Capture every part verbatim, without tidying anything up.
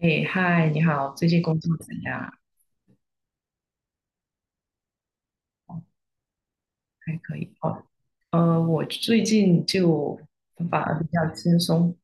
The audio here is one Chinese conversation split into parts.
哎，嗨，你好，最近工作怎样？哦，还可以。哦，呃，我最近就反而比较轻松。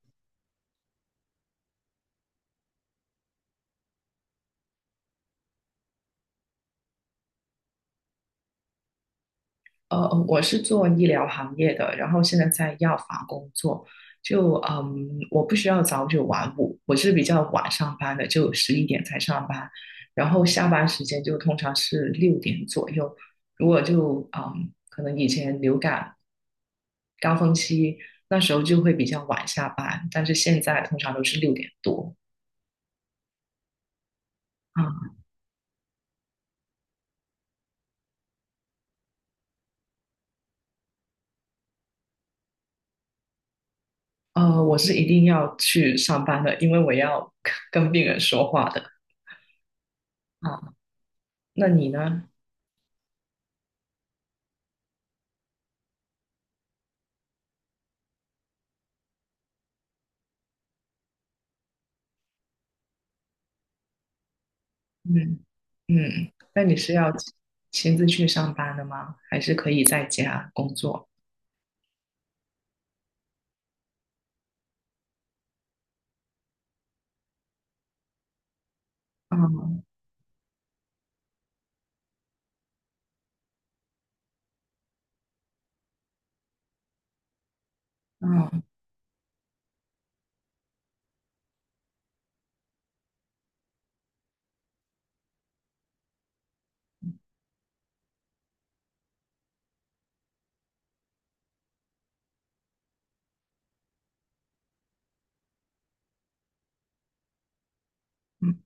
呃，我是做医疗行业的，然后现在在药房工作。就嗯，我不需要早九晚五，我是比较晚上班的，就十一点才上班，然后下班时间就通常是六点左右。如果就嗯，可能以前流感高峰期那时候就会比较晚下班，但是现在通常都是六点多。嗯呃，我是一定要去上班的，因为我要跟病人说话的啊。那你呢？嗯嗯，那你是要亲亲自去上班的吗？还是可以在家工作？嗯嗯嗯，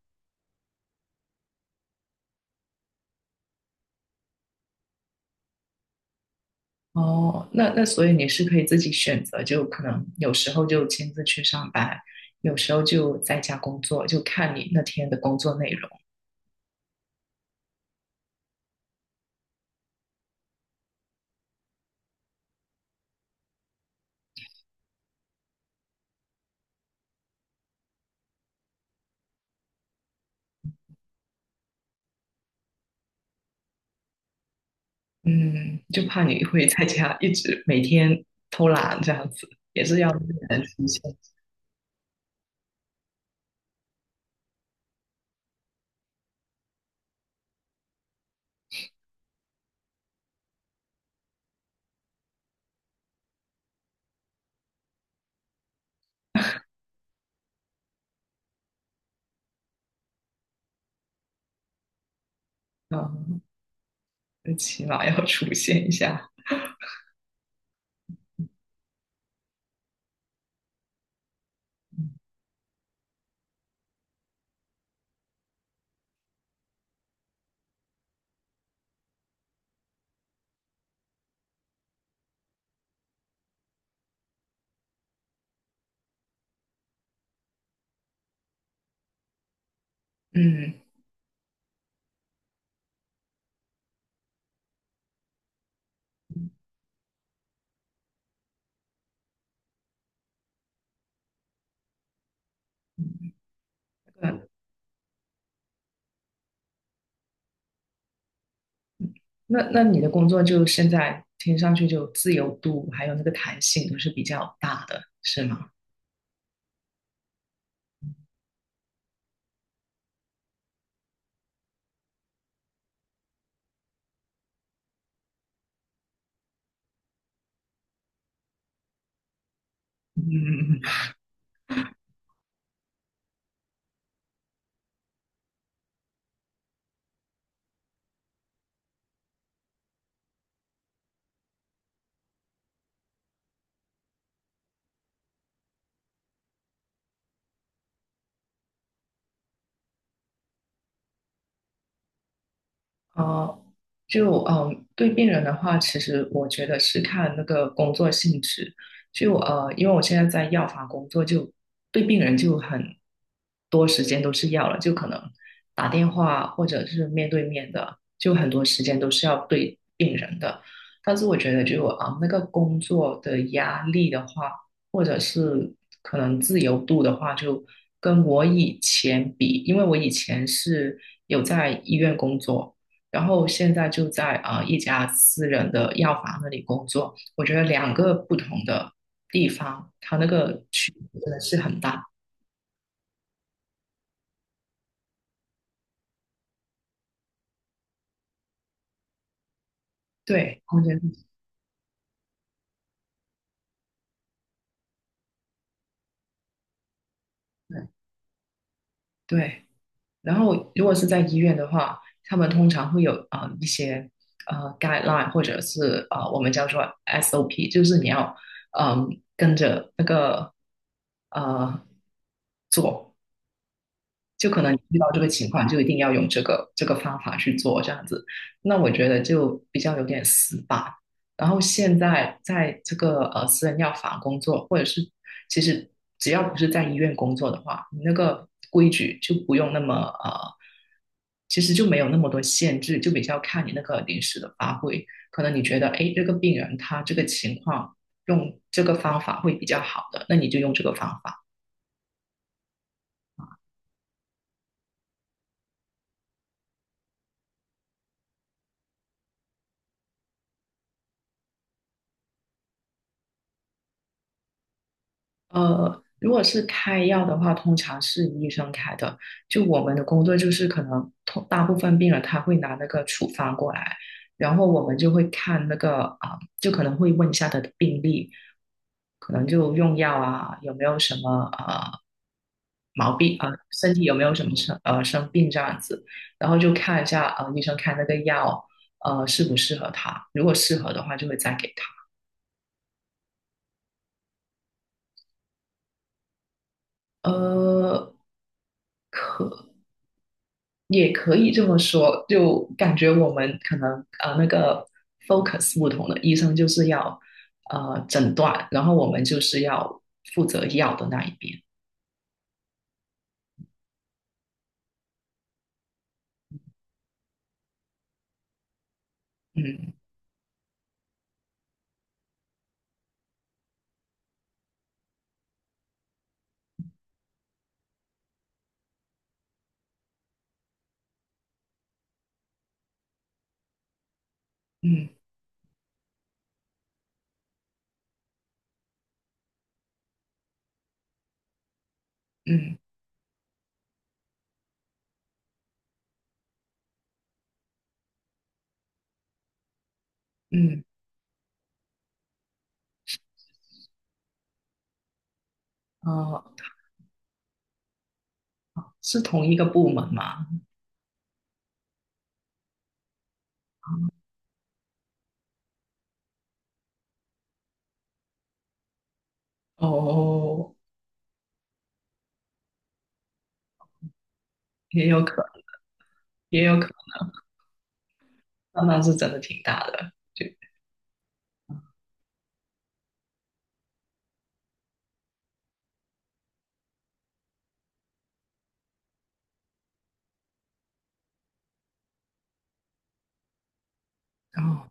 哦，那那所以你是可以自己选择，就可能有时候就亲自去上班，有时候就在家工作，就看你那天的工作内容。嗯，就怕你会在家一直每天偷懒这样子，也是要自己的极限。嗯。起码要出现一下。嗯，嗯，那那你的工作就现在听上去就自由度还有那个弹性都是比较大的，是吗？嗯。哦，就嗯，对病人的话，其实我觉得是看那个工作性质。就呃，因为我现在在药房工作，就对病人就很多时间都是要了，就可能打电话或者是面对面的，就很多时间都是要对病人的。但是我觉得就啊，呃那个工作的压力的话，或者是可能自由度的话，就跟我以前比，因为我以前是有在医院工作。然后现在就在啊、呃、一家私人的药房那里工作。我觉得两个不同的地方，它那个区别真的是很大，对，空间是对对。然后如果是在医院的话，他们通常会有啊、呃一些呃 guideline 或者是呃我们叫做 S O P，就是你要嗯、跟着那个呃就可能遇到这个情况，就一定要用这个这个方法去做这样子。那我觉得就比较有点死板。然后现在在这个呃私人药房工作，或者是其实只要不是在医院工作的话，你那个规矩就不用那么呃，其实就没有那么多限制，就比较看你那个临时的发挥。可能你觉得，哎，这个病人他这个情况用这个方法会比较好的，那你就用这个方法。呃，如果是开药的话，通常是医生开的。就我们的工作就是可能通大部分病人他会拿那个处方过来，然后我们就会看那个啊、就可能会问一下他的病历，可能就用药啊，有没有什么呃毛病啊、呃身体有没有什么生呃生病这样子，然后就看一下呃医生开那个药呃适不适合他，如果适合的话就会再给他。呃，可。也可以这么说，就感觉我们可能呃那个 focus 不同的，医生就是要呃诊断，然后我们就是要负责药的那一边。嗯嗯嗯嗯，呃，是同一个部门吗？哦，也有可，也有可能，那是真的挺大的。对，哦。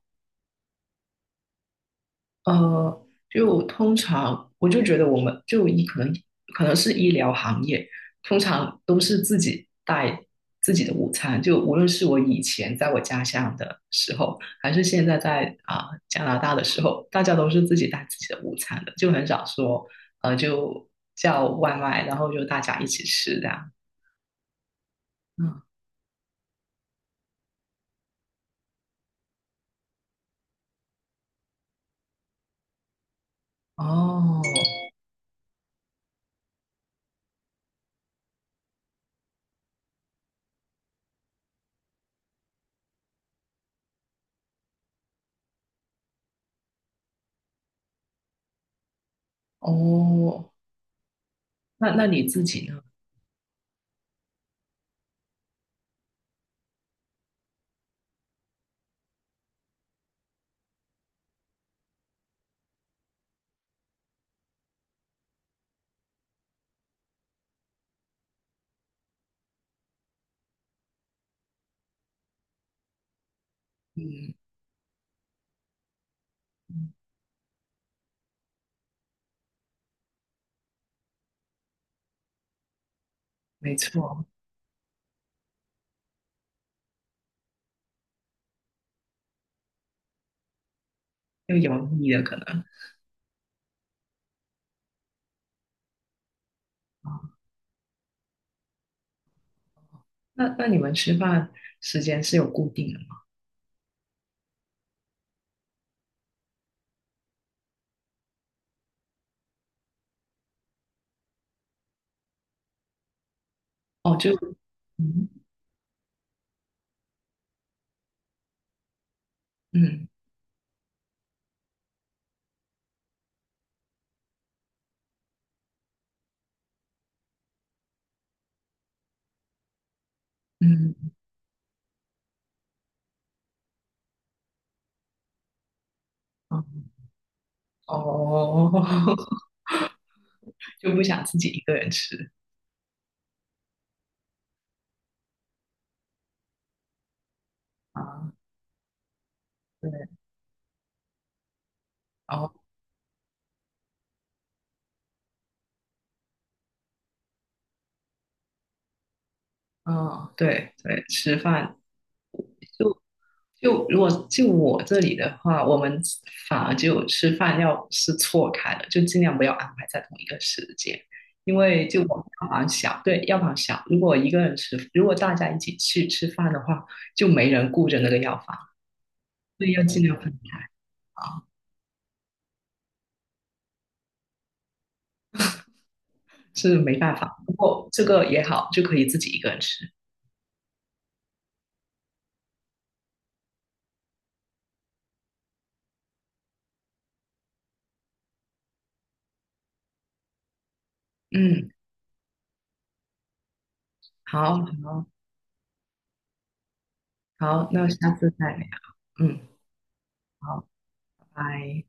呃，就通常我就觉得我们就医可能可能是医疗行业，通常都是自己带自己的午餐。就无论是我以前在我家乡的时候，还是现在在啊、加拿大的时候，大家都是自己带自己的午餐的，就很少说呃就叫外卖，然后就大家一起吃这样。嗯，哦哦，那那你自己呢？嗯，嗯没错，又油腻了可能。那那你们吃饭时间是有固定的吗？哦，就嗯嗯嗯哦，就不想自己一个人吃啊。对，哦嗯对对，吃饭就就如果就我这里的话，我们反而就吃饭要是错开了，就尽量不要安排在同一个时间，因为就我们药房小，对，药房小，如果一个人吃，如果大家一起去吃饭的话，就没人顾着那个药房，所以要尽量分。是没办法。不过这个也好，就可以自己一个人吃。嗯，好，好，好，那下次再聊。嗯，好，拜拜。